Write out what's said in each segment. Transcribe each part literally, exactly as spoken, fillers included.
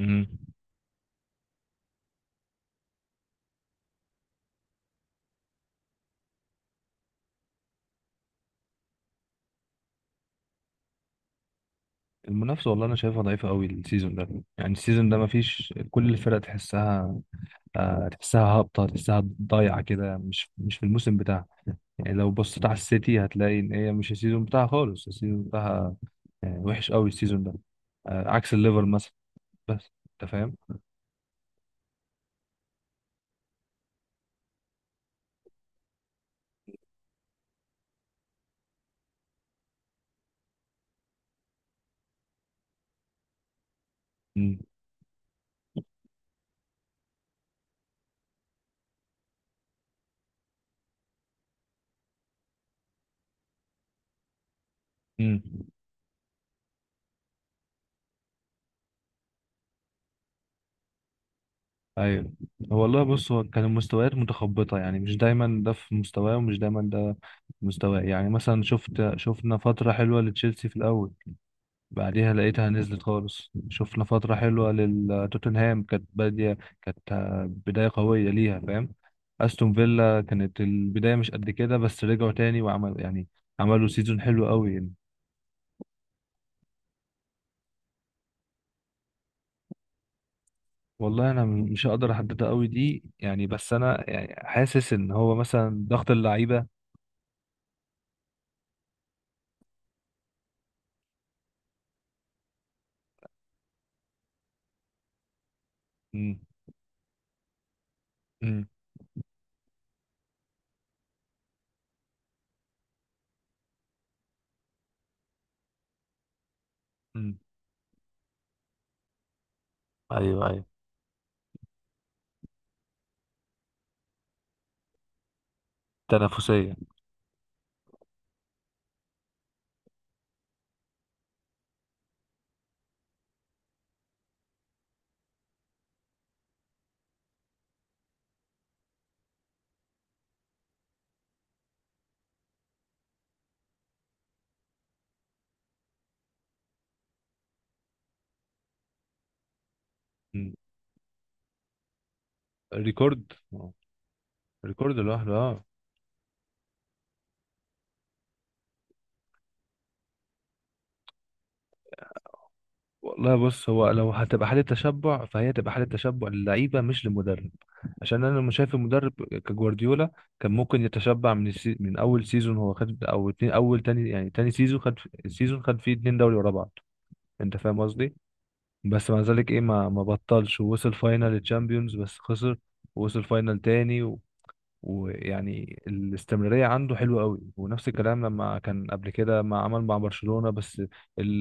مم. المنافسة والله أنا شايفها ضعيفة قوي السيزون ده. يعني السيزون ده مفيش كل الفرق تحسها. آه، تحسها هابطة، تحسها ضايعة كده، مش مش في الموسم بتاعها. يعني لو بصيت على السيتي هتلاقي إن هي مش السيزون بتاعها خالص السيزون بتاعها آه، وحش قوي السيزون ده، آه، عكس الليفر مثلا بس. أنت فاهم؟ مم. مم. ايوه. هو والله بص هو كان المستويات متخبطه، يعني مش دايما ده في مستواه ومش دايما ده في مستواه. يعني مثلا شفت شفنا فتره حلوه لتشيلسي في الاول، بعديها لقيتها نزلت خالص. شفنا فتره حلوه لتوتنهام كانت باديه، كانت بدايه قويه ليها، فاهم. استون فيلا كانت البدايه مش قد كده بس رجعوا تاني وعمل يعني عملوا سيزون حلو قوي يعني. والله انا مش هقدر احددها قوي دي يعني، بس انا يعني حاسس ان هو مثلا ضغط اللعيبه. مم. مم. مم. ايوه ايوه. تنافسية. مم. ريكورد آه. ريكورد لوحده اه. والله بص، هو لو هتبقى حالة تشبع فهي تبقى حالة تشبع للعيبة مش للمدرب، عشان انا مش شايف المدرب كجوارديولا كان ممكن يتشبع من السي... من اول سيزون هو خد، او اتنين اول تاني، يعني تاني سيزون خد، سيزون خد فيه اتنين دوري ورا بعض. انت فاهم قصدي؟ بس مع ذلك ايه، ما ما بطلش ووصل فاينل الشامبيونز بس خسر، ووصل فاينل تاني. ويعني الاستمرارية عنده حلوة قوي، ونفس الكلام لما كان قبل كده ما عمل مع برشلونة، بس ال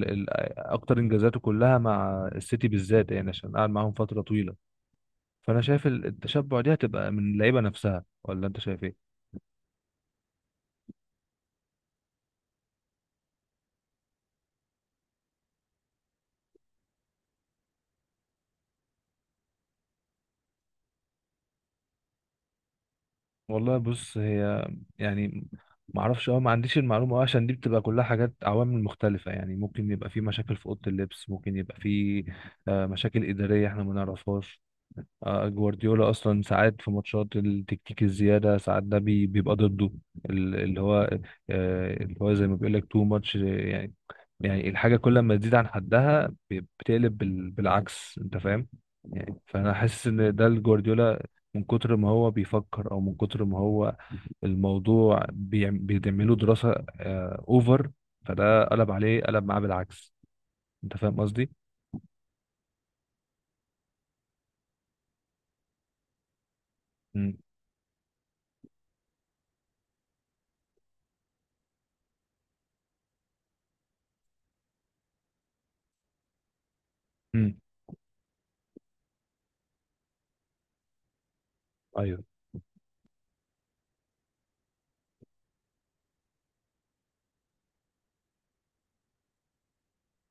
ال أكتر إنجازاته كلها مع السيتي بالذات، يعني عشان قعد معاهم فترة طويلة. فأنا شايف ال- التشبع دي هتبقى من اللعيبة نفسها، ولا أنت شايف إيه؟ والله بص، هي يعني ما اعرفش اه، ما عنديش المعلومه أوي، عشان دي بتبقى كلها حاجات، عوامل مختلفه. يعني ممكن يبقى في مشاكل في اوضه اللبس، ممكن يبقى في آه، مشاكل اداريه احنا ما نعرفهاش. آه، جوارديولا اصلا ساعات في ماتشات التكتيك الزياده ساعات ده بي- بيبقى ضده، ال- اللي هو آه، اللي هو زي ما بيقول لك تو ماتش يعني. يعني الحاجه كل ما تزيد عن حدها ب- بتقلب بال- بالعكس، انت فاهم. يعني فانا حاسس ان ده الجوارديولا من كتر ما هو بيفكر، او من كتر ما هو الموضوع بيعم- بيعمله دراسه آه، اوفر، فده قلب عليه، قلب معاه بالعكس. انت فاهم قصدي؟ امم. ايوه،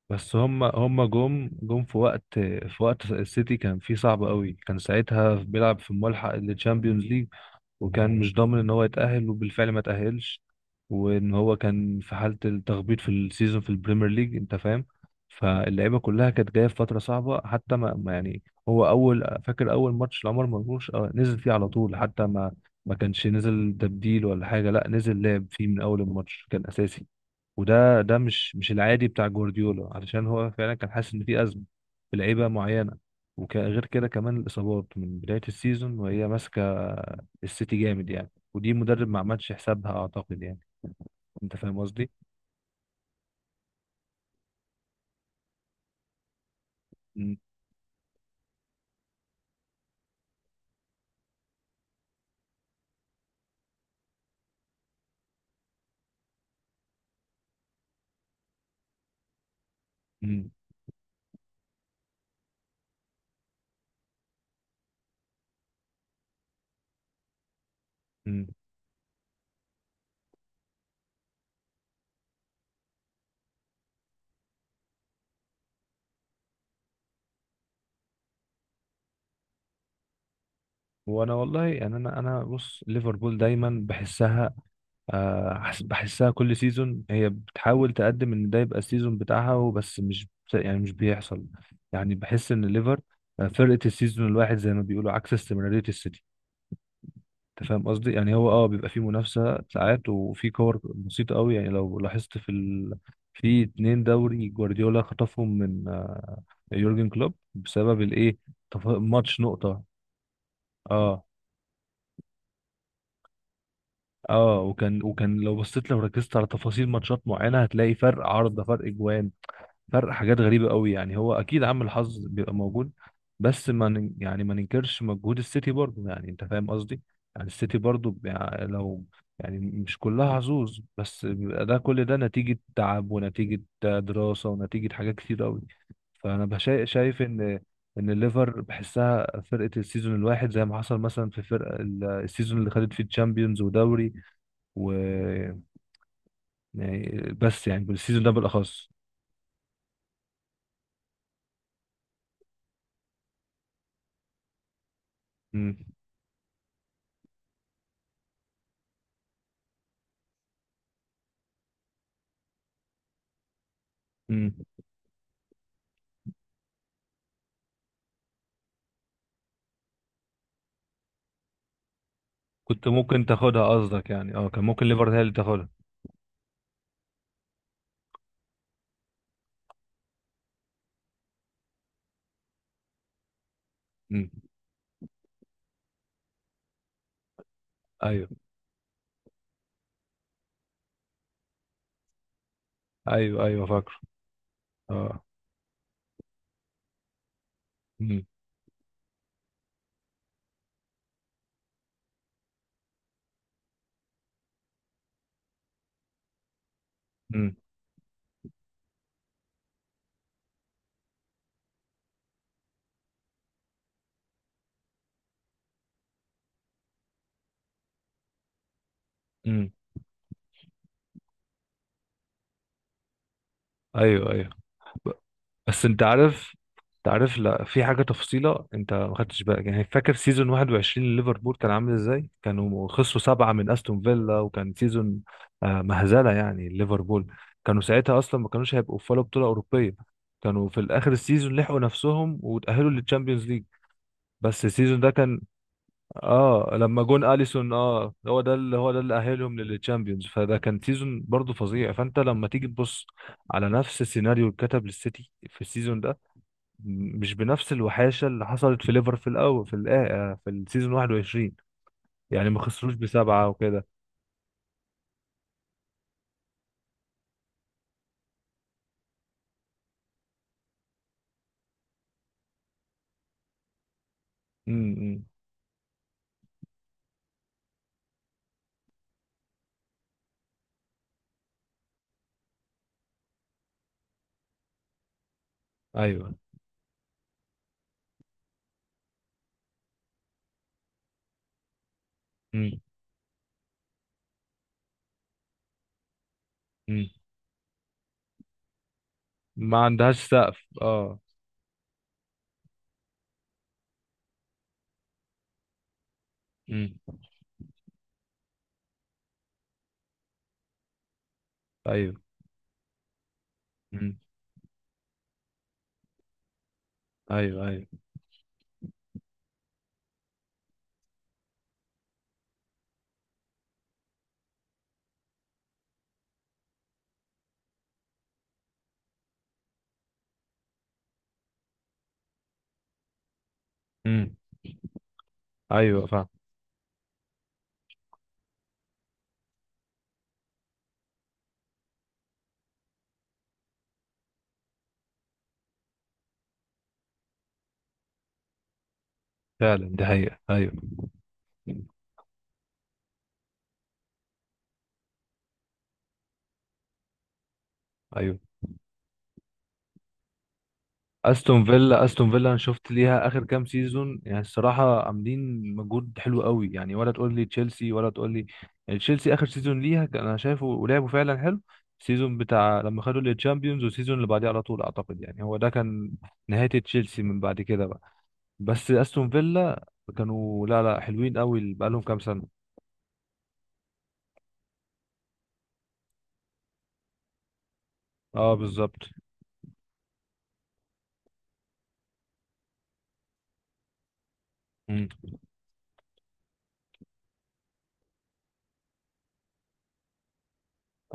بس هم هم جم جم في وقت، في وقت السيتي كان فيه صعب قوي، كان ساعتها بيلعب في الملحق للتشامبيونز ليج وكان مش ضامن ان هو يتأهل، وبالفعل ما تأهلش. وان هو كان في حالة التخبيط في السيزون في البريمير ليج، انت فاهم. فاللعيبة كلها كانت جاية في فترة صعبة، حتى ما ما يعني هو اول فاكر اول ماتش لعمر مرموش آه، نزل فيه على طول، حتى ما ما كانش نزل تبديل ولا حاجة، لا نزل لعب فيه من اول الماتش كان اساسي. وده ده مش مش العادي بتاع جوارديولا، علشان هو فعلا كان حاسس ان في ازمه في لعيبه معينه. وغير كده كمان الاصابات من بدايه السيزون وهي ماسكه السيتي جامد يعني، ودي مدرب ما عملش حسابها اعتقد يعني. انت فاهم قصدي؟ امم. امم. وانا والله يعني انا انا بص ليفربول دايما بحسها، آه، حس- بحسها كل سيزون هي بتحاول تقدم ان ده يبقى السيزون بتاعها وبس، مش بت- يعني مش بيحصل. يعني بحس ان ليفر آه، فرقة السيزون الواحد زي ما بيقولوا، عكس استمرارية السيتي. انت فاهم قصدي؟ يعني هو اه بيبقى فيه منافسة ساعات، وفي كور بسيطة قوي يعني لو لاحظت في ال... في اتنين دوري جوارديولا خطفهم من آه، يورجن كلوب بسبب الايه، تف- ماتش نقطة. اه اه وكان، وكان لو بصيت، لو ركزت على تفاصيل ماتشات معينة هتلاقي فرق عارضة، فرق جوان، فرق حاجات غريبة قوي يعني. هو أكيد عامل حظ بيبقى موجود بس ما ن- يعني ما ننكرش مجهود السيتي برضه يعني. أنت فاهم قصدي؟ يعني السيتي برضه بيع- لو يعني مش كلها حظوظ، بس بيبقى ده، كل ده نتيجة تعب ونتيجة دراسة ونتيجة حاجات كتير قوي. فأنا بشا- شايف إن، إن الليفر بحسها فرقة السيزون الواحد، زي ما حصل مثلا في فرق ال- السيزون اللي خدت فيه تشامبيونز ودوري و يعني بس يعني بالسيزون ده بالأخص. مم. مم. كنت ممكن تاخدها قصدك، يعني اه كان ممكن ليفر هي اللي تاخدها. امم. ايوه ايوه. ايوه فاكر. اه. امم. امم امم ايوه ايوه. ب- بس انت عارف، انت عارف، لا في حاجه تفصيله انت ما خدتش بالك. يعني فاكر سيزون واحد وعشرين لليفربول كان عامل ازاي؟ كانوا خسروا سبعه من استون فيلا، وكان سيزون آه، مهزله يعني. ليفربول كانوا ساعتها اصلا ما كانوش هيبقوا في ولا بطوله اوروبيه، كانوا في الاخر السيزون لحقوا نفسهم وتاهلوا للتشامبيونز ليج. بس السيزون ده كان اه، لما جون اليسون اه هو ده اللي، هو ده اللي اهلهم للتشامبيونز، فده كان سيزون برضه فظيع. فانت لما تيجي تبص على نفس السيناريو اللي اتكتب للسيتي في السيزون ده، م- مش بنفس الوحاشه اللي حصلت في ليفر في الاول، في الآ- آه، في السيزون واحد وعشرين، يعني ما خسروش بسبعه وكده. امم. ايوه. امم. امم. ما عندهاش سقف اه. امم. ايوه. امم. ايوه ايوه. امم. ايوه فعلا. فعلا دي حقيقه، ايوه. ايوه استون فيلا، استون فيلا انا شفت ليها اخر كام سيزون يعني، الصراحه عاملين مجهود حلو قوي يعني، ولا تقول لي تشيلسي ولا تقول لي. يعني تشيلسي اخر سيزون ليها كان، انا شايفه ولعبوا فعلا حلو، السيزون بتاع لما خدوا الشامبيونز والسيزون اللي بعديه على طول، اعتقد يعني هو ده كان نهايه تشيلسي من بعد كده بقى. بس استون فيلا كانوا لا لا حلوين قوي بقالهم كام سنه. اه بالظبط. مم.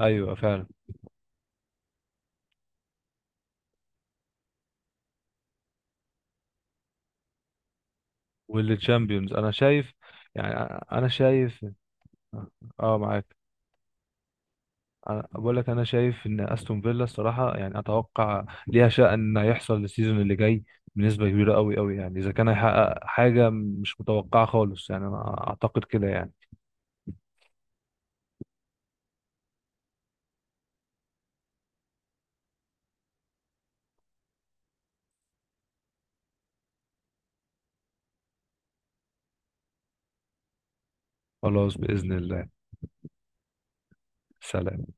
ايوه فعلا. والتشامبيونز انا شايف، يعني انا شايف اه. آه، معاك. أنا بقول لك، انا شايف ان استون فيلا الصراحه يعني اتوقع ليها شأن هيحصل السيزون اللي جاي بنسبه كبيره قوي قوي يعني، اذا كان هيحقق حاجه مش متوقعه خالص، يعني انا اعتقد كده يعني. خلاص باذن الله. سلام.